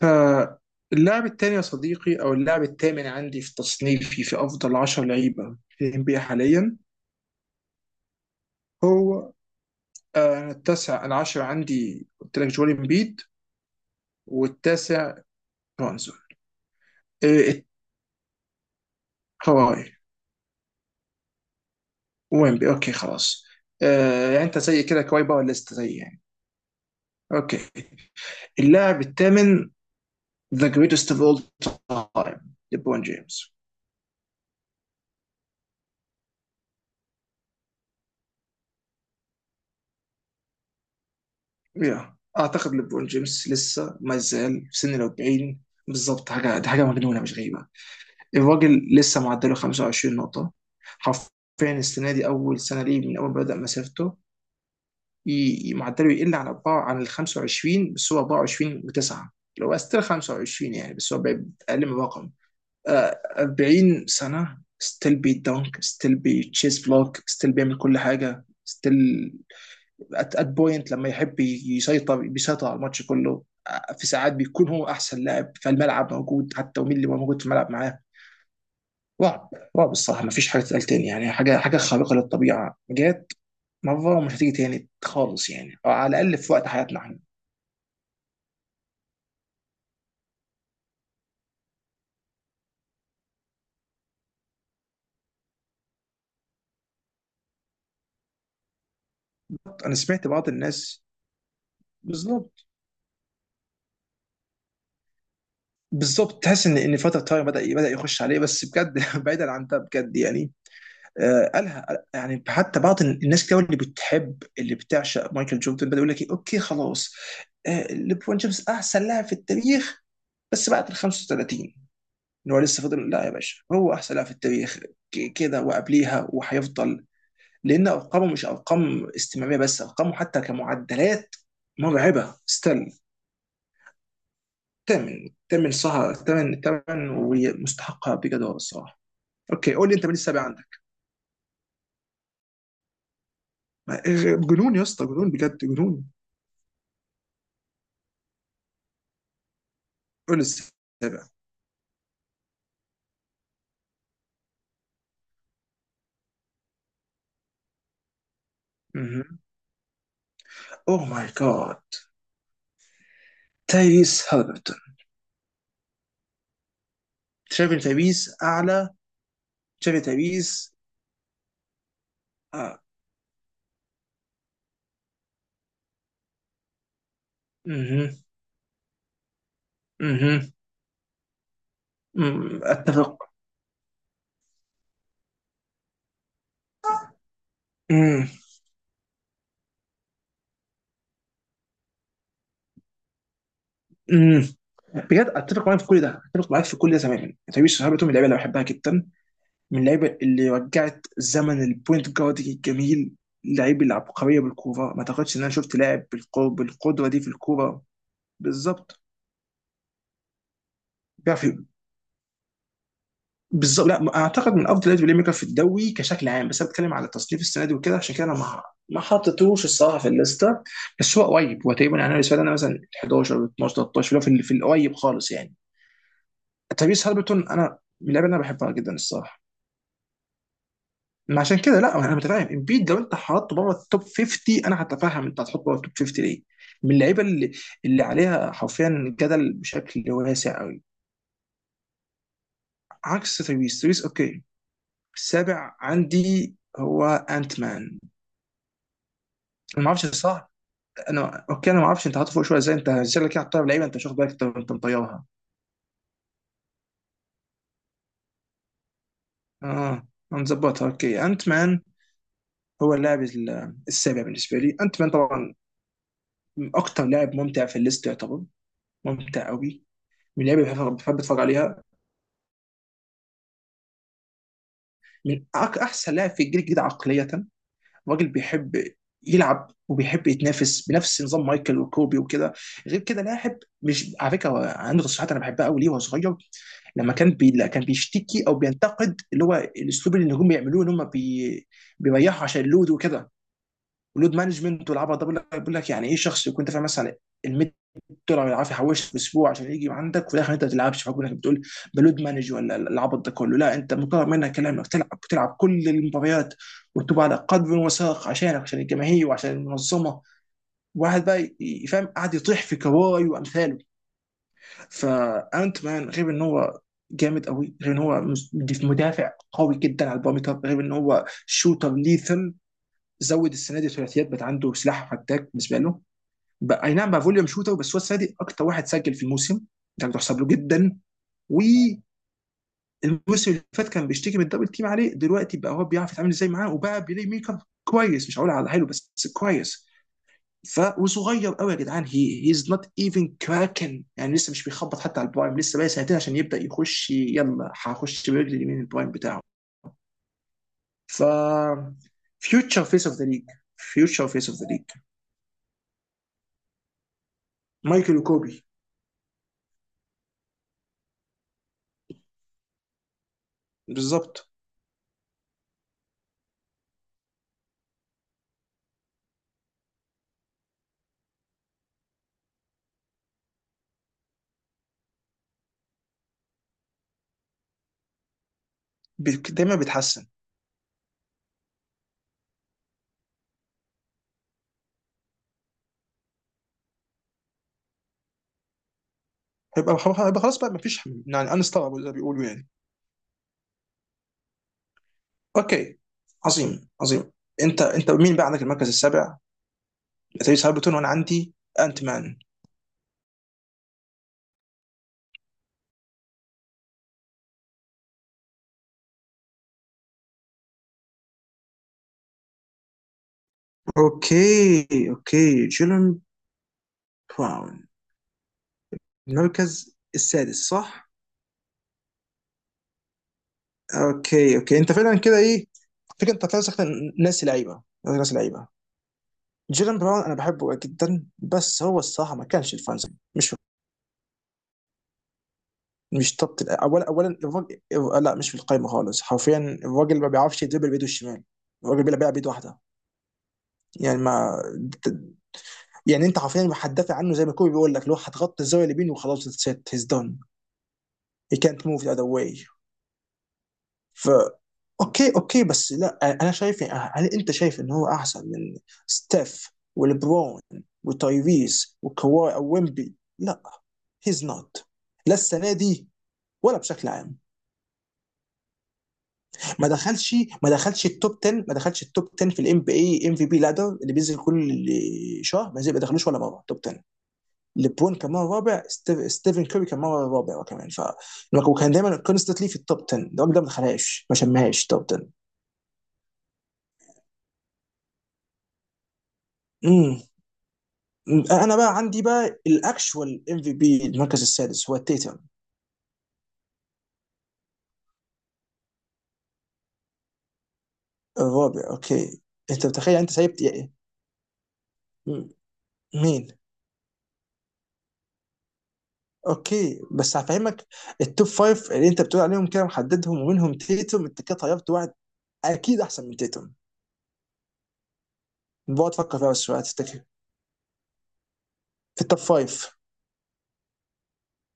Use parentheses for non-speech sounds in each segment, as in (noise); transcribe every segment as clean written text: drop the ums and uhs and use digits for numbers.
فاللاعب الثاني يا صديقي او اللاعب الثامن عندي في تصنيفي في افضل 10 لعيبه في الان بي حاليا. هو أنا التاسع العاشر عندي، قلت لك جوال امبيد، والتاسع برونزون. إيه، كواي، ويمبي اوكي خلاص. يعني انت زي كده كواي باور ليست زي يعني. اوكي، اللاعب الثامن، ذا جريتست اوف اول تايم، ليبرون جيمس. يا اعتقد ليبرون جيمس لسه ما زال في سن ال 40. بالظبط، حاجه دي حاجه مجنونه مش غريبه. الراجل لسه معدله 25 نقطة، حرفيا. السنة دي أول سنة ليه من أول ما بدأ مسيرته معدله يقل عن أربعة، عن ال 25، بس هو 24 وتسعة، اللي هو ستيل 25 يعني، بس هو بقى أقل من رقم. 40 سنة ستيل بيدنك، ستيل بيتشيز بلوك، ستيل بيعمل كل حاجة، ستيل ات بوينت لما يحب يسيطر بيسيطر على الماتش كله. في ساعات بيكون هو أحسن لاعب فالملعب موجود حتى، ومين اللي موجود في الملعب معاه. رعب. رعب الصراحه، ما فيش حاجه تتقال تاني يعني، حاجه خارقه للطبيعه جت مره، ومش هتيجي تاني خالص يعني، او على الاقل في وقت حياتنا احنا. انا سمعت بعض الناس. بالظبط، بالظبط، تحس ان فتره تايم بدا يخش عليه، بس بجد (laughs) بعيدا عن ده بجد يعني. آه، قالها. يعني حتى بعض الناس كده اللي بتحب اللي بتعشق مايكل جوردن بدا يقول لك، اوكي خلاص، آه ليبرون جيمس احسن لاعب في التاريخ بس بعد ال 35. ان هو لسه فضل، لا يا باشا، هو احسن لاعب في التاريخ كده وقبليها وهيفضل، لان ارقامه مش ارقام استمراريه بس، ارقامه حتى كمعدلات مرعبه ستيل. تمن صح، تمن ومستحقها بجد هو الصراحه. اوكي، قول لي انت مين السابع عندك؟ جنون يا اسطى، جنون بجد، جنون. قول لي السابع. اوه ماي جاد، تايريس هالبرتون. شايف إن تايريس اعلى؟ شايف إن تايريس؟ آه. مهم. مهم. مم، اتفق. مم. امم. بجد اتفق معاك في كل ده، اتفق معاك في كل ده تماما. تايريس هاربرتون من اللعيبه اللي بحبها جدا، من اللعيبه اللي رجعت زمن البوينت جارد الجميل. اللعيب العبقريه بالكوره، ما اعتقدش ان انا شفت لاعب بالقوه بالقدره دي في الكوره. بالظبط. بيعرف ي- بالظبط، لا اعتقد من افضل لعيبه البلاي ميكر في الدوري كشكل عام، بس انا بتكلم على تصنيف السنه دي وكده، عشان كده انا ما حطيتوش الصراحه في الليسته، بس هو قريب، هو تقريبا يعني أنا بالنسبه لي انا مثلا 11 12 13، اللي هو في القريب خالص يعني. تyrese هالبرتون انا من اللعيبه اللي انا بحبها جدا الصراحه. ما عشان كده لا، انا متفاهم، امبيد لو انت حطيته بره التوب 50 انا هتفهم، انت هتحطه بره التوب 50 ليه؟ من اللعيبه اللي عليها حرفيا جدل بشكل واسع قوي، عكس تريس. تريس اوكي. السابع عندي هو انت مان. انا ما اعرفش صح. انا اوكي، انا ما اعرفش انت حاطه فوق شويه ازاي، انت ازاي كده حاططها لعيبه، انت مش واخد بالك أنت مطيرها. اه، أنا مظبطها. اوكي، انت مان هو اللاعب السابع بالنسبه لي، انت مان طبعا. اكتر لاعب ممتع في الليست يعتبر، ممتع قوي، من اللعيبه اللي بحب اتفرج عليها، من احسن لاعب في الجيل الجديد عقليه. راجل بيحب يلعب وبيحب يتنافس بنفس نظام مايكل وكوبي وكده. غير كده لاعب، مش على فكره هو عنده تصريحات انا بحبها قوي ليه وهو صغير، لما كان كان بيشتكي او بينتقد اللي هو الاسلوب اللي النجوم بيعملوه، ان هم بيريحوا عشان اللود وكده، ولود مانجمنت والعبط ده. بقول لك يعني ايه شخص يكون دافع مثلا ال 100$ اللي عارف يحوشها في اسبوع عشان يجي عندك وفي الاخر انت ما تلعبش، فبقول لك بتقول بلود مانج ولا العبط ده كله؟ لا، انت مطالب منك كلامك تلعب، بتلعب كل المباريات وتبقى على قدر وساق عشانك عشان الجماهير وعشان المنظمه. واحد بقى يفهم قاعد يطيح في كواي وامثاله. فانت مان غير ان هو جامد قوي، غير ان هو مدافع قوي جدا على البارامتر، غير ان هو شوتر ليثل. زود السنه دي ثلاثيات، بقى عنده سلاح فتاك بالنسبه له. بقى اي نعم بقى فوليوم شوتر، بس هو السنه دي اكتر واحد سجل في الموسم ده، بتحسب له جدا. والموسم اللي فات كان بيشتكي من الدبل تيم عليه، دلوقتي بقى هو بيعرف يتعامل ازاي معاه، وبقى بيلي ميكر كويس، مش هقول على حلو بس كويس. ف وصغير قوي يا جدعان، هي هيز نوت ايفن كراكن يعني، لسه مش بيخبط حتى على البرايم، لسه بقى سنتين عشان يبدا يخش، يلا هخش برجلي اليمين البرايم بتاعه. ف فيوتشر فيس اوف ذا ليج، فيوتشر فيس اوف ذا ليج. مايكل وكوبي، بالظبط. دايما بيتحسن. هيبقى خلاص بقى، مفيش يعني، انستوببل زي ما بيقولوا يعني. اوكي، عظيم عظيم. انت مين بقى عندك المركز السابع؟ تريس هاربتون، وانا عندي انت مان. اوكي اوكي، جيلن براون، المركز السادس، صح. اوكي اوكي، انت فعلا كده، ايه فكرة، انت فعلا سخت، ناسي لعيبه. جيلن براون انا بحبه جدا، بس هو الصراحه ما كانش الفانز، مش مش توب اولا الراجل، لا مش في القايمه خالص حرفيا. الراجل ما بيعرفش يدربل بايده الشمال، الراجل بيلعب بايد واحده، يعني ما يعني، انت حرفيا هتدافع عنه زي ما كوبي بيقول لك، لو هتغطي الزاويه اليمين وخلاص اتس هيز دون، هي كانت موف ذا اذر واي. ف اوكي اوكي، بس لا، انا شايف، هل انت شايف ان هو احسن من ستيف ولبرون وتايفيز وكواي او ويمبي؟ لا، هيز نوت، لا السنه دي ولا بشكل عام. ما دخلش ما دخلش التوب 10، ما دخلش التوب 10 في الام بي اي ام في بي لادر اللي بينزل كل شهر، ما دخلوش ولا مره توب 10. ليبرون كان مره رابع، ستيفن كوري كان مره رابع كمان، ف وكان دايما كونستنتلي في التوب 10، الراجل ده ما دخلهاش، ما شمهاش توب 10. امم. انا بقى عندي بقى الاكشوال ام في بي، المركز السادس هو تيتم. الرابع اوكي. انت متخيل يعني، انت سايب مين؟ اوكي بس هفهمك، التوب فايف اللي انت بتقول عليهم كده محددهم، ومنهم تيتوم، انت كده طيبت واحد اكيد احسن من تيتوم، بقعد افكر فيها بس شوية تفتكر. في التوب فايف؟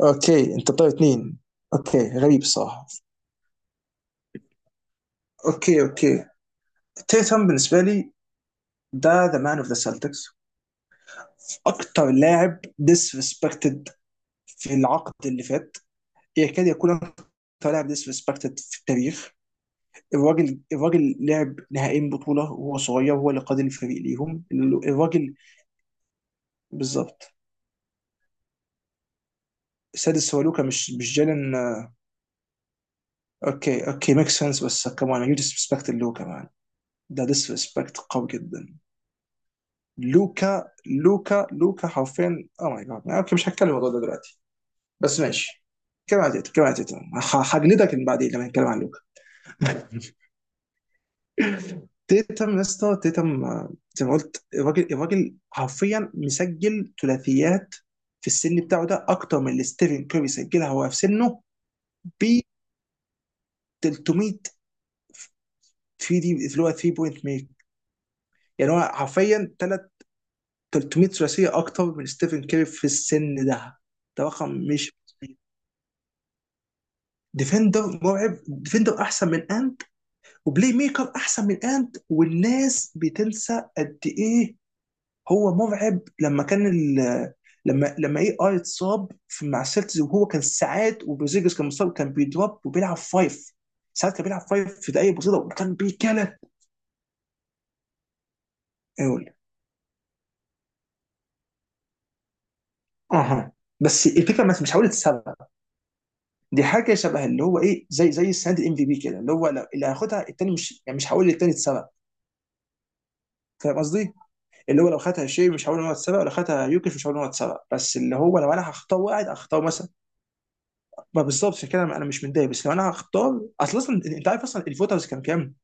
اوكي، انت طيب اتنين، اوكي غريب، صح. اوكي اوكي. تيتوم بالنسبه لي ده ذا مان اوف ذا سلتكس، اكتر لاعب ديسريسبكتد في العقد اللي فات، يكاد يكون اكتر لاعب ديسريسبكتد في التاريخ. الراجل لعب نهائيين بطولة وهو صغير، وهو اللي قاد الفريق ليهم. الراجل، بالظبط. السادس هو لوكا، مش جالن. اوكي اوكي، ميك سنس، بس كمان يو ديسبكت لوكا مان، ده ديسبكت قوي جدا. لوكا حرفيا، او ماي جاد، اوكي مش هتكلم الموضوع ده دلوقتي بس ماشي. كم عديت، هجلدك بعدين لما نتكلم عن لوكا. تيتم يا اسطى، تيتم، زي ما قلت، الراجل حرفيا مسجل ثلاثيات في السن بتاعه ده اكتر من اللي ستيفن كيري سجلها هو في سنه، ب 300 3 دي اللي هو 3 بوينت ميك، يعني هو حرفيا تلات 300 ثلاثيه اكتر من ستيفن كيري في السن ده، ده رقم مش بسيط. ديفندر مرعب، ديفندر احسن من انت، وبلاي ميكر احسن من انت، والناس بتنسى قد ايه هو مرعب. لما كان لما اي اتصاب في مع السلتز وهو كان ساعات، وبرزيجس كان مصاب، كان بيدروب وبيلعب فايف ساعات، كان بيلعب فايف في دقايق بسيطه، وكان بيكلت. اقول اها، بس الفكره بس مش حاولة السبب، دي حاجه شبه اللي هو ايه، زي السنه دي الام في بي كده، اللي هو لو اللي هياخدها التاني مش يعني، مش هقول للتاني اتسبب، فاهم قصدي؟ اللي هو لو خدها شيء مش هقول ان هو اتسبب، لو خدها يوكيش مش هقول ان هو اتسبب، بس اللي هو لو انا هختار واحد هختار مثلا، ما بالظبط عشان كده انا مش متضايق. بس لو انا هختار، اصلا انت عارف اصلا الفوترز كان كام؟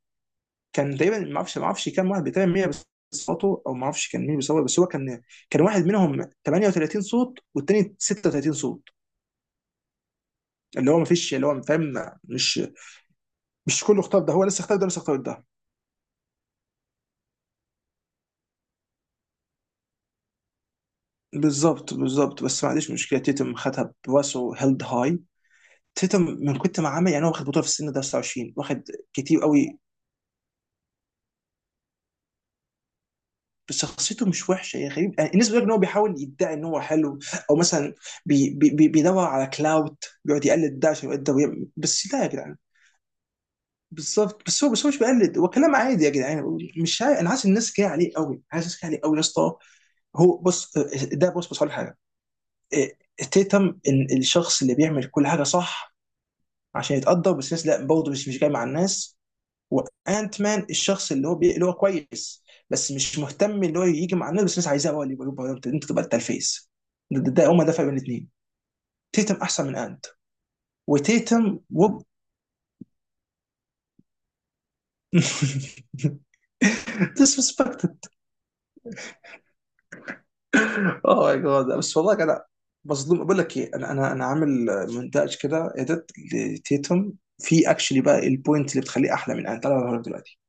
كان تقريبا، ما اعرفش كام واحد، تقريبا 100 بصوته او ما اعرفش كان مين بيصوت، بس هو كان، كان واحد منهم 38 صوت والتاني 36 صوت، اللي هو ما فيش اللي هو فاهم، مش مش كله اختار ده، هو لسه اختار ده، لسه اختار ده. بالظبط بالظبط، بس ما عنديش مشكله، تيتم خدها براسه هيلد هاي. تيتم من كنت ما عامل يعني، هو واخد بطوله في السن ده 29، واخد كتير قوي. بس شخصيته مش وحشه يا غريب يعني، الناس بتقول ان هو بيحاول يدعي ان هو حلو، او مثلا بيدور على كلاوت، بيقعد يقلد ده عشان يقدر يعمل، بس لا يا جدعان. بالظبط، بس هو مش بيقلد، هو كلام عادي يا جدعان، مش عارف، انا حاسس الناس جايه عليه قوي، حاسس الناس جايه عليه قوي يا اسطى. هو بص، ده بص هقول لك حاجه. إيه، تيتم ان الشخص اللي بيعمل كل حاجه صح عشان يتقدر، بس الناس لا برضه، مش جاي مع الناس. وانت مان الشخص اللي هو اللي هو كويس بس مش مهتم اللي هو يجي مع الناس، بس الناس عايزاه هو اللي يبقى، أنت تبقى انت الفيس. ده هما ده فرق بين الاثنين. تيتم احسن من انت. وتيتم وب (laughs) (applause) disrespected. اوه ماي جاد، بس والله انا مظلوم. بقول لك ايه، انا عامل مونتاج كده اديت لتيتم في اكشلي، بقى البوينت اللي بتخليه احلى من انت تعالى أوريك دلوقتي.